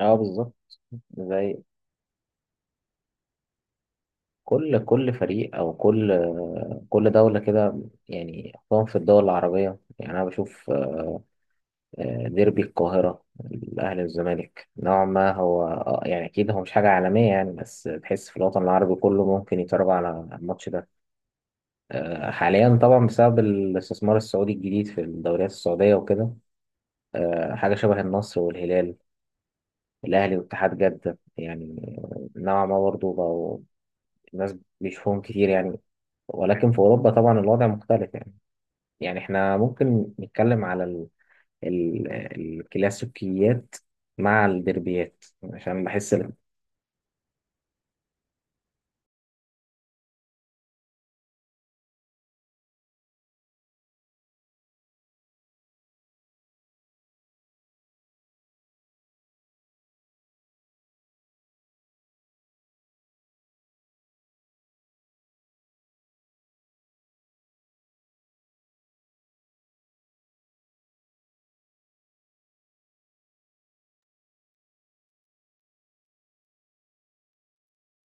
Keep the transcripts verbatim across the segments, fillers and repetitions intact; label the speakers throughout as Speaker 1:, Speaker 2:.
Speaker 1: اه بالظبط، زي كل كل فريق او كل كل دولة كده. يعني خصوصا في الدول العربية، يعني انا بشوف آه، ديربي القاهرة، الاهلي والزمالك، نوعا ما هو آه، يعني اكيد هو مش حاجة عالمية يعني، بس تحس في الوطن العربي كله ممكن يتفرج على الماتش ده. آه، حاليا طبعا، بسبب الاستثمار السعودي الجديد في الدوريات السعودية وكده، آه، حاجة شبه النصر والهلال، الاهلي واتحاد جدة، يعني نوعا ما برضه بقوا الناس بيشوفوهم كتير يعني. ولكن في أوروبا طبعا الوضع مختلف يعني. يعني احنا ممكن نتكلم على ال... ال... الكلاسيكيات مع الديربيات، عشان بحس إن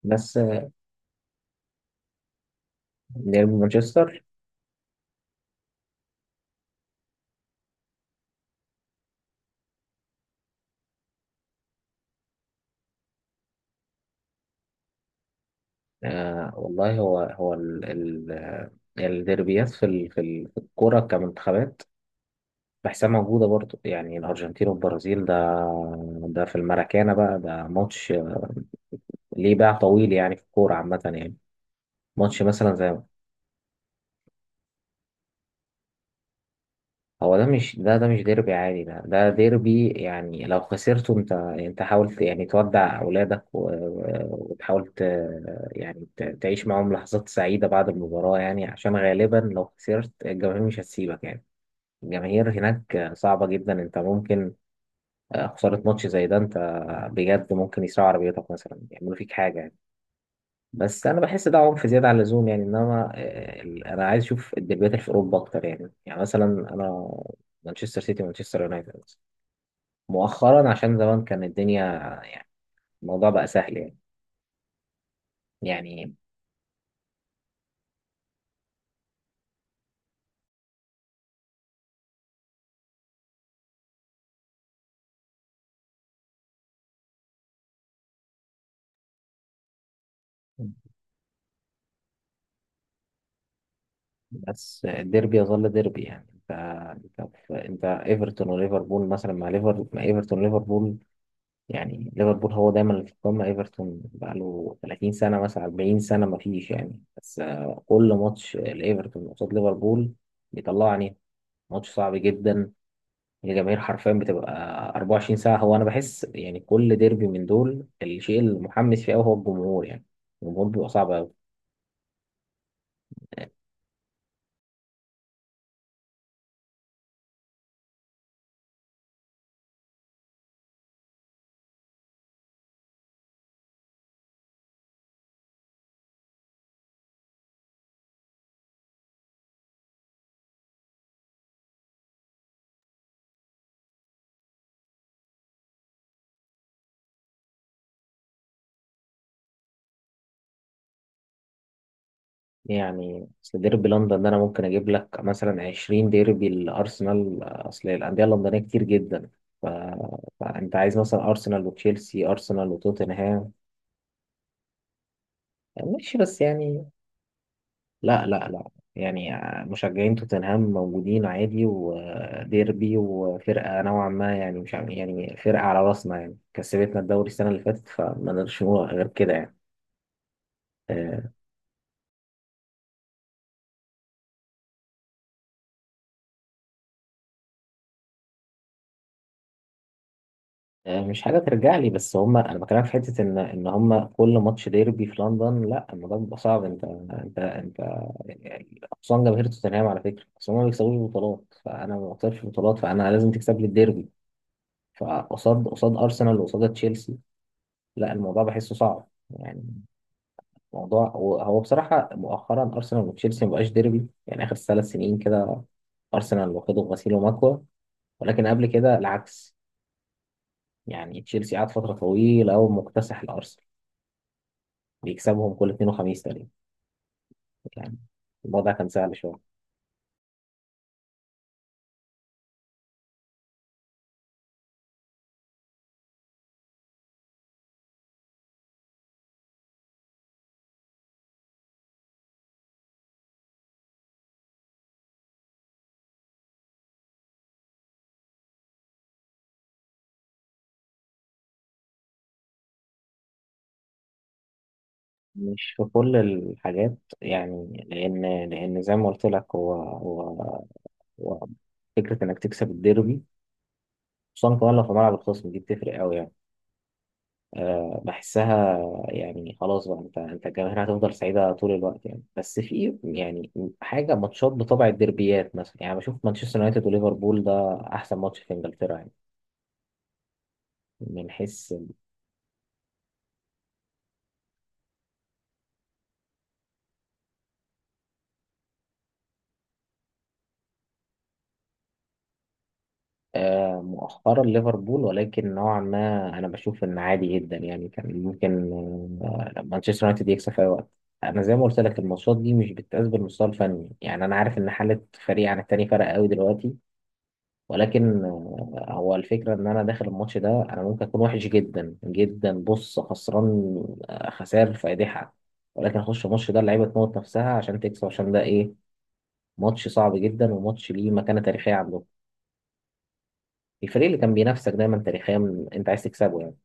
Speaker 1: الناس ديربي مانشستر. آه والله هو هو ال... ال... الديربيات في ال... في ال- في الكرة كمنتخبات، بحسها موجودة برضو يعني. الأرجنتين والبرازيل ده، ده في الماراكانا بقى، ده ماتش ليه باع طويل يعني في الكورة عامة يعني. ماتش مثلا زي. هو ده مش، ده ده مش ديربي عادي، ده ده ديربي يعني. لو خسرته انت انت حاولت يعني تودع اولادك و- و- وتحاول ت- يعني ت- تعيش معاهم لحظات سعيدة بعد المباراة، يعني عشان غالبا لو خسرت الجماهير مش هتسيبك يعني. الجماهير هناك صعبة جدا، انت ممكن آه، خسارة ماتش زي ده، انت بجد ممكن يسرقوا عربيتك مثلا، يعملوا فيك حاجة يعني. بس انا بحس ده عنف زياده عن اللزوم يعني. انما آه، ال- انا عايز اشوف الديربيات اللي في اوروبا اكتر يعني. يعني مثلا انا مانشستر سيتي ومانشستر يونايتد مثلاً. مؤخرا عشان زمان كان الدنيا يعني الموضوع بقى سهل يعني يعني. بس الديربي يظل ديربي يعني. انت، انت في- انت ايفرتون وليفربول مثلا، مع ليفر مع ايفرتون ليفربول. يعني ليفربول هو دايما اللي في القمه، ايفرتون بقى له ثلاثين سنه مثلا أربعين سنه ما فيش يعني. بس آه، كل ماتش لايفرتون قصاد ليفربول بيطلعني ماتش صعب جدا. الجماهير حرفيا بتبقى أربعة وعشرين ساعة. هو أنا بحس يعني كل ديربي من دول الشيء المحمس فيه أوي هو الجمهور يعني، الجمهور بيبقى صعب أوي. يعني أصل ديربي لندن ده أنا ممكن أجيب لك مثلا عشرين ديربي لأرسنال. أصل الأندية اللندنية كتير جدا، ف... فأنت عايز مثلا أرسنال وتشيلسي، أرسنال وتوتنهام. ماشي بس يعني، لا لا لا، يعني مشجعين توتنهام موجودين عادي، وديربي وفرقة نوعا ما يعني، مش عارف- يعني فرقة على راسنا، يعني كسبتنا الدوري السنة اللي فاتت، فما نقدرش نقول غير كده يعني. آه، آه، مش حاجة ترجع لي، بس هما أنا بكلمك في حتة إن إن هما كل ماتش ديربي في لندن، لا الموضوع بيبقى صعب. أنت أنت أنت يعني خصوصا جماهير توتنهام، على فكرة بس هما ما بيكسبوش بطولات، فأنا ما بكسبش بطولات، فأنا لازم تكسب لي الديربي. فقصاد قصاد أرسنال وقصاد تشيلسي، لا الموضوع بحسه صعب يعني. موضوع هو هو بصراحة، مؤخرا أرسنال وتشيلسي مبقاش ديربي يعني، آخر ثلاث سنين كده أرسنال واخده غسيل ومكوى. ولكن قبل كده العكس يعني، تشيلسي قعد فترة طويلة أوي مكتسح الأرسنال، بيكسبهم كل اثنين وخميس تقريبا يعني. الموضوع كان سهل شوية. مش في كل الحاجات يعني، لأن لأن زي ما قلت لك، هو هو هو فكرة إنك تكسب الديربي، خصوصا كمان لو في ملعب الخصم، دي بتفرق أوي يعني. آه، بحسها يعني، خلاص بقى. انت انت الجماهير هتفضل سعيده طول الوقت يعني. بس في يعني حاجه ماتشات بطبع الديربيات، مثلا يعني بشوف مانشستر يونايتد وليفربول ده احسن ماتش في انجلترا يعني، من حيث آه، مؤخرا ليفربول. ولكن نوعا ما انا بشوف ان عادي جدا يعني، كان ممكن آه، مانشستر يونايتد يكسب في اي وقت. انا زي ما قلت لك الماتشات دي مش بتتقاس بالمستوى الفني يعني. انا عارف ان حاله فريق عن التاني فرق قوي دلوقتي. ولكن آه، هو الفكرة إن أنا داخل الماتش ده أنا ممكن أكون وحش جدا جدا، بص، خسران آه، خسائر فادحة. ولكن أخش الماتش ده اللعيبة تموت نفسها عشان تكسب، عشان ده إيه؟ ماتش صعب جدا، وماتش ليه مكانة تاريخية عندهم. الفريق اللي كان بينافسك دايما تاريخيا من- أنت عايز تكسبه يعني.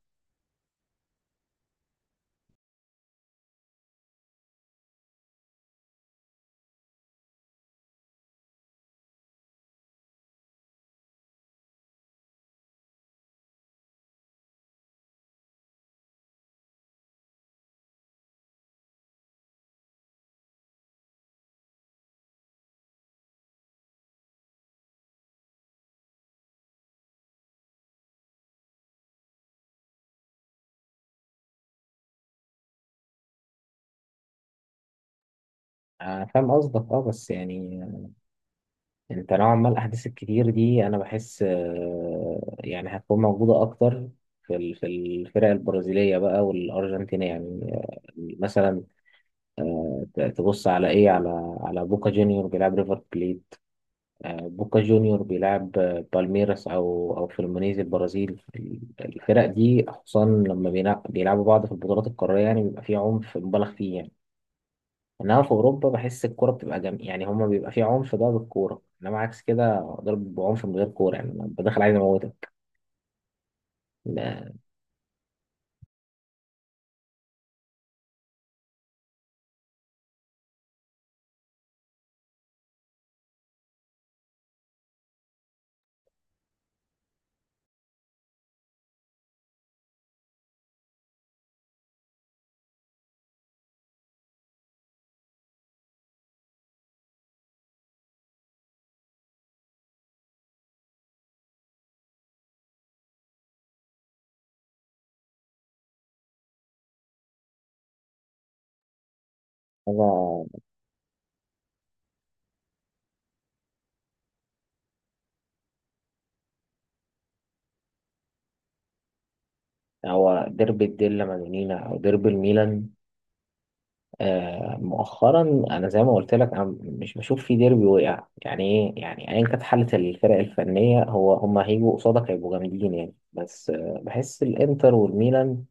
Speaker 1: آه، فاهم قصدك، أه بس يعني، أنت نوعا ما الأحداث الكتير دي أنا بحس آه، يعني هتكون موجودة أكتر في ال- في الفرق البرازيلية بقى والأرجنتين يعني. آه، مثلا آه، ت- تبص على ايه، على على بوكا جونيور بيلعب ريفر بليت. آه، بوكا جونيور بيلعب آه، بالميراس او او فلومينيز البرازيل. ال- الفرق دي خصوصا لما بينا- بيلعبوا بعض في البطولات القاريه، يعني بيبقى فيه عنف مبالغ فيه يعني. انما في اوروبا بحس الكوره بتبقى جم... يعني هما بيبقى فيه عنف ده بالكوره، انما عكس كده ضرب بعنف من غير كوره يعني، انا بدخل عايز اموتك ده. هو هو ديربي الديلا مادونينا او ديربي الميلان. آه، مؤخرا انا زي ما قلت لك، انا مش بشوف في ديربي وقع يعني ايه، يعني ايا كانت حاله الفرق الفنيه هو هم هيجوا قصادك هيبقوا جامدين يعني. بس آه، بحس الانتر والميلان،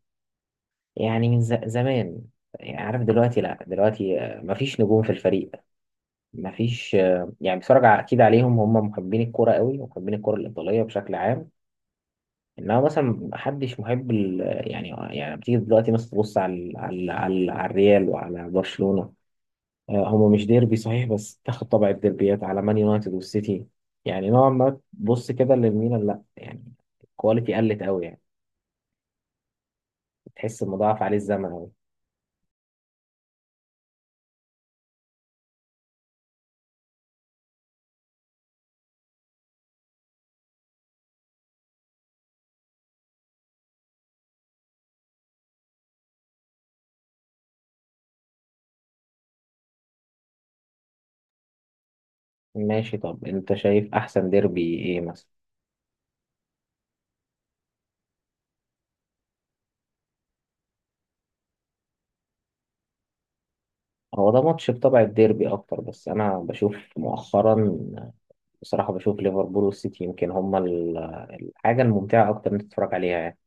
Speaker 1: يعني من ز- زمان، يعني عارف دلوقتي، لا دلوقتي آه، مفيش نجوم في الفريق، مفيش آه، يعني بتفرج على- اكيد عليهم هم محبين الكرة قوي، ومحبين الكرة الايطاليه بشكل عام. انما مثلا محدش محب ال- يعني يعني. بتيجي دلوقتي مثلا تبص على ال- على ال- على ال- على الريال وعلى برشلونه. آه، هما مش ديربي صحيح، بس تاخد طبع الديربيات، على مان يونايتد والسيتي يعني. نوعا ما تبص كده للميلان، لا يعني الكواليتي قلت قوي يعني، تحس مضاعف عليه الزمن قوي. ماشي، طب انت شايف احسن ديربي ايه مثلا؟ هو ده ماتش بطبع الديربي اكتر. بس انا بشوف مؤخرا بصراحة، بشوف ليفربول والسيتي، يمكن هما ال- الحاجة الممتعة اكتر انت تتفرج عليها يعني.